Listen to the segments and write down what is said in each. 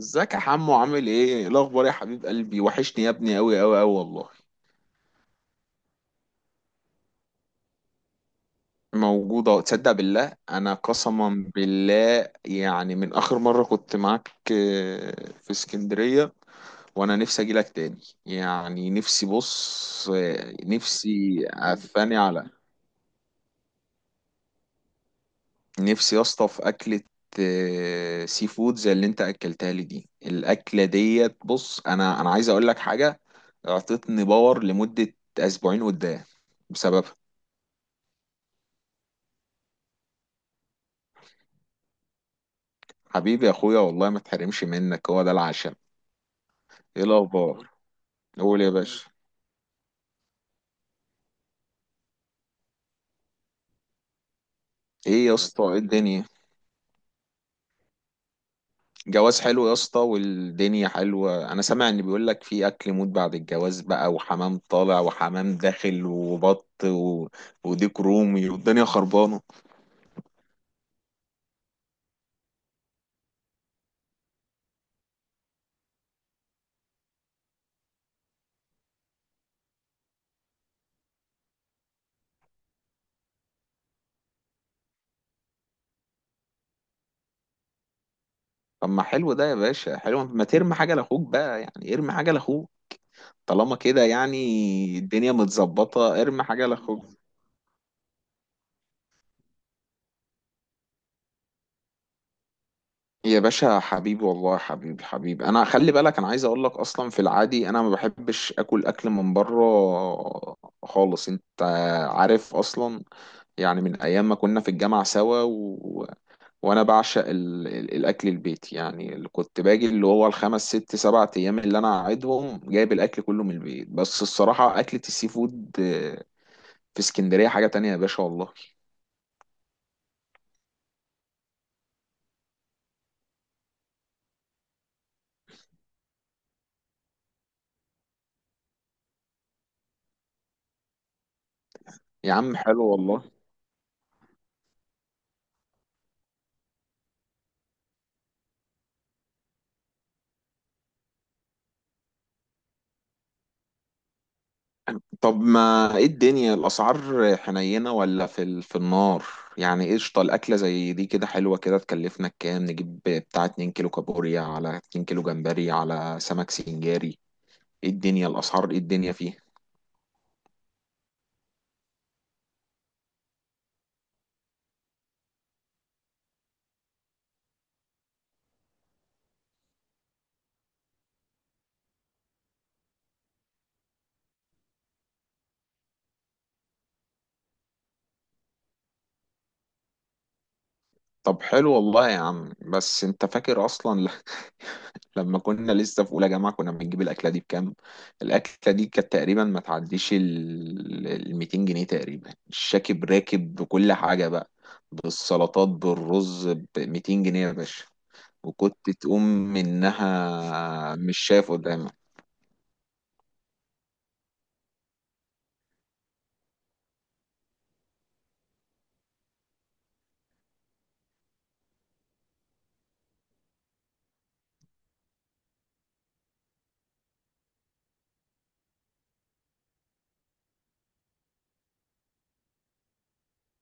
ازيك يا حمو، عامل ايه؟ إيه الاخبار يا حبيب قلبي؟ وحشني يا ابني، قوي قوي قوي والله. موجودة، تصدق بالله، انا قسما بالله يعني من اخر مرة كنت معاك في اسكندرية. وانا نفسي اجي لك تاني. يعني نفسي، بص، نفسي افاني على نفسي يا اسطى في اكلة، سي فود زي اللي انت اكلتها لي دي. الاكلة ديت، بص، انا عايز اقول لك حاجة، اعطتني باور لمدة اسبوعين قدام بسببها. حبيبي يا اخويا، والله ما تحرمش منك، هو ده العشم. ايه الاخبار؟ قول يا باشا. ايه يا اسطى، ايه الدنيا؟ جواز حلو يا اسطى والدنيا حلوه. انا سامع ان بيقول لك في اكل موت بعد الجواز بقى، وحمام طالع وحمام داخل وبط وديك رومي والدنيا خربانه. طب ما حلو ده يا باشا، حلو، ما ترمي حاجه لاخوك بقى، يعني ارمي حاجه لاخوك طالما كده يعني. الدنيا متظبطه، ارمي حاجه لاخوك. يا باشا حبيبي والله، حبيبي حبيبي. انا خلي بالك، انا عايز اقول لك، اصلا في العادي انا ما بحبش اكل من بره خالص، انت عارف اصلا، يعني من ايام ما كنا في الجامعه سوا وانا بعشق الاكل البيتي. يعني اللي كنت باجي، اللي هو الخمس ست سبع ايام اللي انا قاعدهم، جايب الاكل كله من البيت. بس الصراحه اكله السي فود، في اسكندريه حاجه تانية يا باشا، والله. يا عم حلو والله. طب ما ايه الدنيا، الاسعار حنينه ولا في في النار؟ يعني إيه قشطه، الاكله زي دي كده حلوه كده تكلفنا كام؟ نجيب بتاع 2 كيلو كابوريا على 2 كيلو جمبري على سمك سنجاري. ايه الدنيا الاسعار، ايه الدنيا فيها؟ طب حلو والله يا عم. بس انت فاكر اصلا لما كنا لسه في اولى جامعه كنا بنجيب الاكله دي بكام؟ الاكله دي كانت تقريبا ما تعديش ال 200 جنيه تقريبا، الشاكب راكب بكل حاجه بقى، بالسلطات بالرز، ب 200 جنيه يا باشا، وكنت تقوم منها مش شايف قدامك.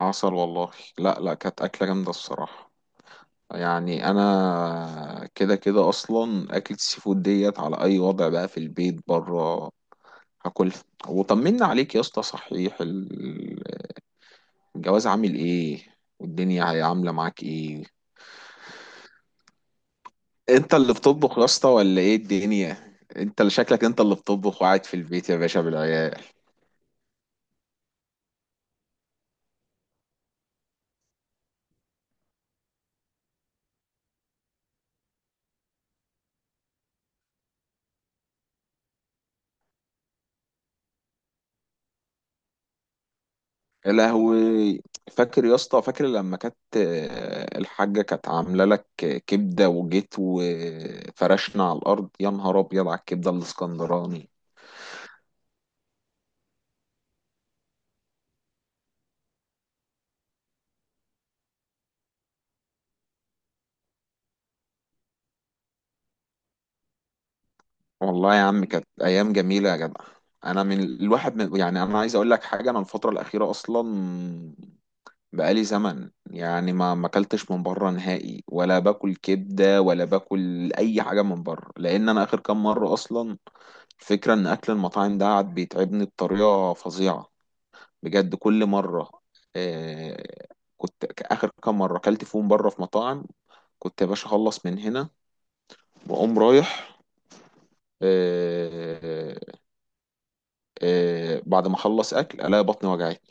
عسل والله. لا لا، كانت اكله جامده الصراحه. يعني انا كده كده اصلا اكلة السي فود ديت على اي وضع بقى، في البيت بره هاكلها. وطمنا عليك يا اسطى، صحيح الجواز عامل ايه؟ والدنيا هي عامله معاك ايه؟ انت اللي بتطبخ يا اسطى ولا ايه الدنيا؟ انت اللي شكلك انت اللي بتطبخ وقاعد في البيت يا باشا بالعيال. يا لهوي. فاكر يا اسطى، فاكر لما كانت، الحاجه كانت عامله لك كبده وجيت وفرشنا على الارض، يا نهار ابيض على الكبده الاسكندراني. والله يا عم، كانت ايام جميله يا جدع. انا من الواحد من، يعني انا عايز اقول لك حاجه، انا الفتره الاخيره اصلا بقالي زمن يعني ما اكلتش من بره نهائي، ولا باكل كبده ولا باكل اي حاجه من بره، لان انا اخر كام مره اصلا، الفكره ان اكل المطاعم ده قعد بيتعبني بطريقه فظيعه بجد، كل مره. آه كنت اخر كام مره اكلت فيهم بره في مطاعم، كنت يا باشا اخلص من هنا واقوم رايح، آه آه بعد ما اخلص اكل الاقي بطني وجعت.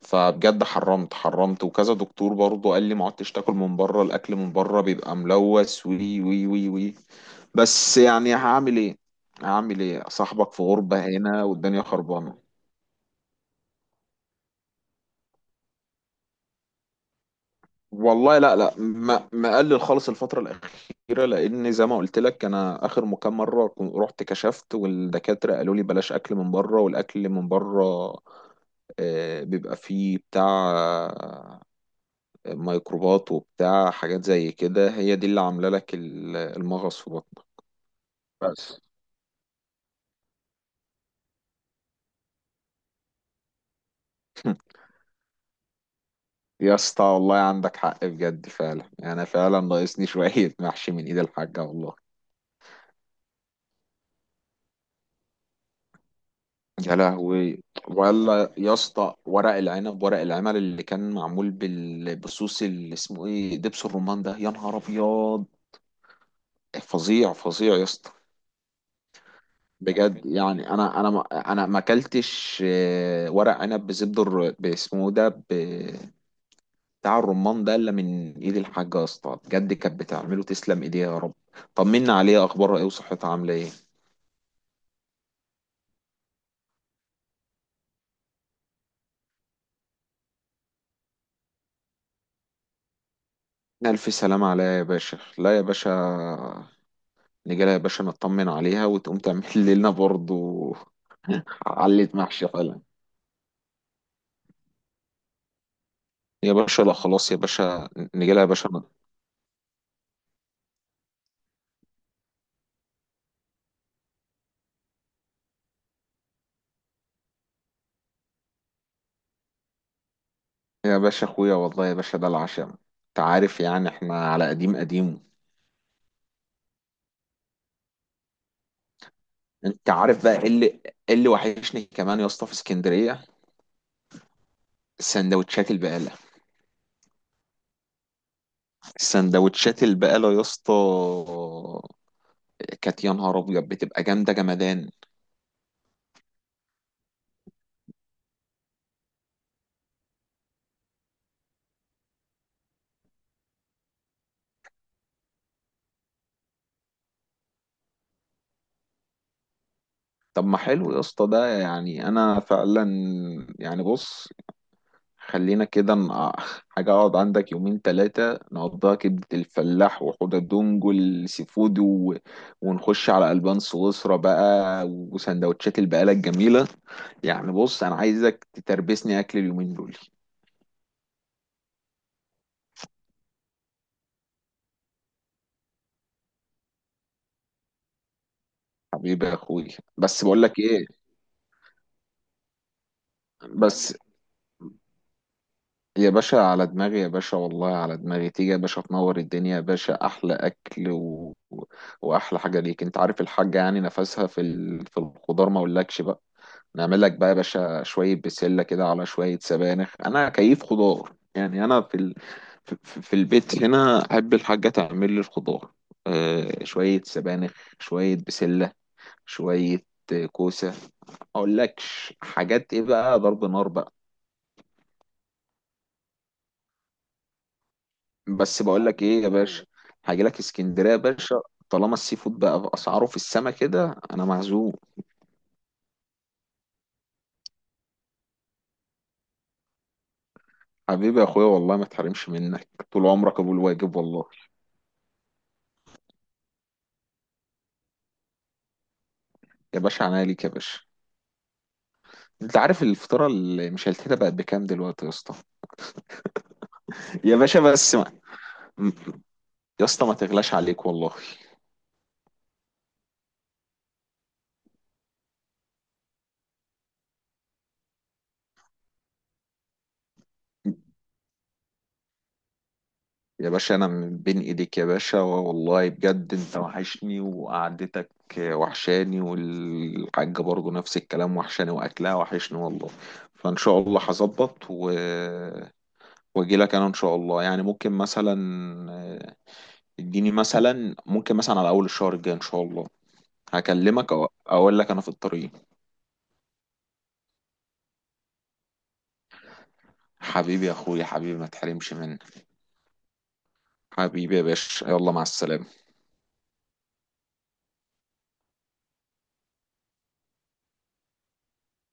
فبجد حرمت حرمت، وكذا دكتور برضه قال لي ما عدتش تاكل من بره، الاكل من بره بيبقى ملوث وي وي وي وي بس يعني هعمل ايه؟ هعمل ايه، صاحبك في غربة هنا والدنيا خربانة. والله لا لا، ما مقلل خالص الفترة الأخيرة، لأن زي ما قلت لك أنا آخر كام مرة رحت كشفت والدكاترة قالوا لي بلاش أكل من بره، والأكل من بره بيبقى فيه بتاع ميكروبات وبتاع حاجات زي كده، هي دي اللي عاملة لك المغص في بطنك. بس. يا اسطى والله عندك حق، بجد فعلا، انا فعلا ناقصني شوية محشي من ايد الحاجة والله. يا لهوي. ولا يا اسطى ورق العنب، ورق العمل اللي كان معمول بالصوص اللي اسمه ايه، دبس الرمان ده، يا نهار ابيض، فظيع فظيع يا اسطى. بجد يعني انا انا ما انا ما اكلتش ورق عنب بزبده باسمه ده بتاع الرمان ده الا من ايد الحاجه يا اسطى، بجد كانت بتعمله، تسلم ايديها يا رب. طمنا عليها، اخبارها ايه وصحتها عامله ايه؟ الف سلامه عليها يا باشا. لا يا باشا، نجي لها يا باشا نطمن عليها وتقوم تعمل لنا برضو علة محشي حالا. يا باشا لا، خلاص يا باشا. نجي لها يا باشا يا باشا اخويا، والله يا باشا ده العشم. انت عارف يعني احنا على قديم قديم. انت عارف بقى ايه اللي، إيه اللي وحشني كمان يا اسطى في اسكندريه؟ السندوتشات البقاله. سندوتشات البقالة يا اسطى كانت يا نهار ابيض، بتبقى جامدة جمدان. طب ما حلو يا اسطى ده، يعني انا فعلا، يعني بص، خلينا كده حاجة اقعد عندك يومين تلاتة نقضيها كبدة الفلاح وحوض الدونج والسي فود ونخش على ألبان سويسرا بقى وسندوتشات البقالة الجميلة. يعني بص، انا عايزك تتربسني اكل اليومين دول. حبيبي يا اخوي. بس بقول لك ايه، بس. يا باشا على دماغي، يا باشا والله على دماغي، تيجي يا باشا تنور الدنيا يا باشا، احلى اكل واحلى حاجه ليك. انت عارف الحاجه يعني نفسها في الخضار ما اقولكش بقى. نعمل لك بقى يا باشا شويه بسله كده على شويه سبانخ، انا كيف خضار، يعني انا في ال... في في- في البيت هنا احب الحاجه تعمل لي الخضار، آه، شويه سبانخ، شويه بسله، شويه، كوسه، ما اقولكش حاجات ايه بقى، ضرب نار بقى. بس بقول لك ايه يا باشا، هاجي لك اسكندريه يا باشا. طالما السي فود بقى باسعاره في السما كده، انا معزوم. حبيبي يا اخويا، والله ما تحرمش منك، طول عمرك ابو الواجب والله. يا باشا عناية ليك يا باشا. انت عارف الفطاره اللي مش هلتها بقت بكام دلوقتي يا اسطى؟ يا باشا بس ما. يا اسطى ما تغلاش عليك والله. يا باشا انا من بين ايديك يا باشا والله، بجد انت وحشني وقعدتك وحشاني، والحاجة برضو نفس الكلام، وحشاني واكلها وحشني والله. فان شاء الله هظبط واجي لك انا ان شاء الله. يعني ممكن مثلا، آه، اديني مثلا، ممكن مثلا على اول الشهر الجاي ان شاء الله هكلمك أو اقول لك انا في الطريق. حبيبي يا اخويا، حبيبي ما تحرمش منك. حبيبي يا باشا، يلا مع السلامة.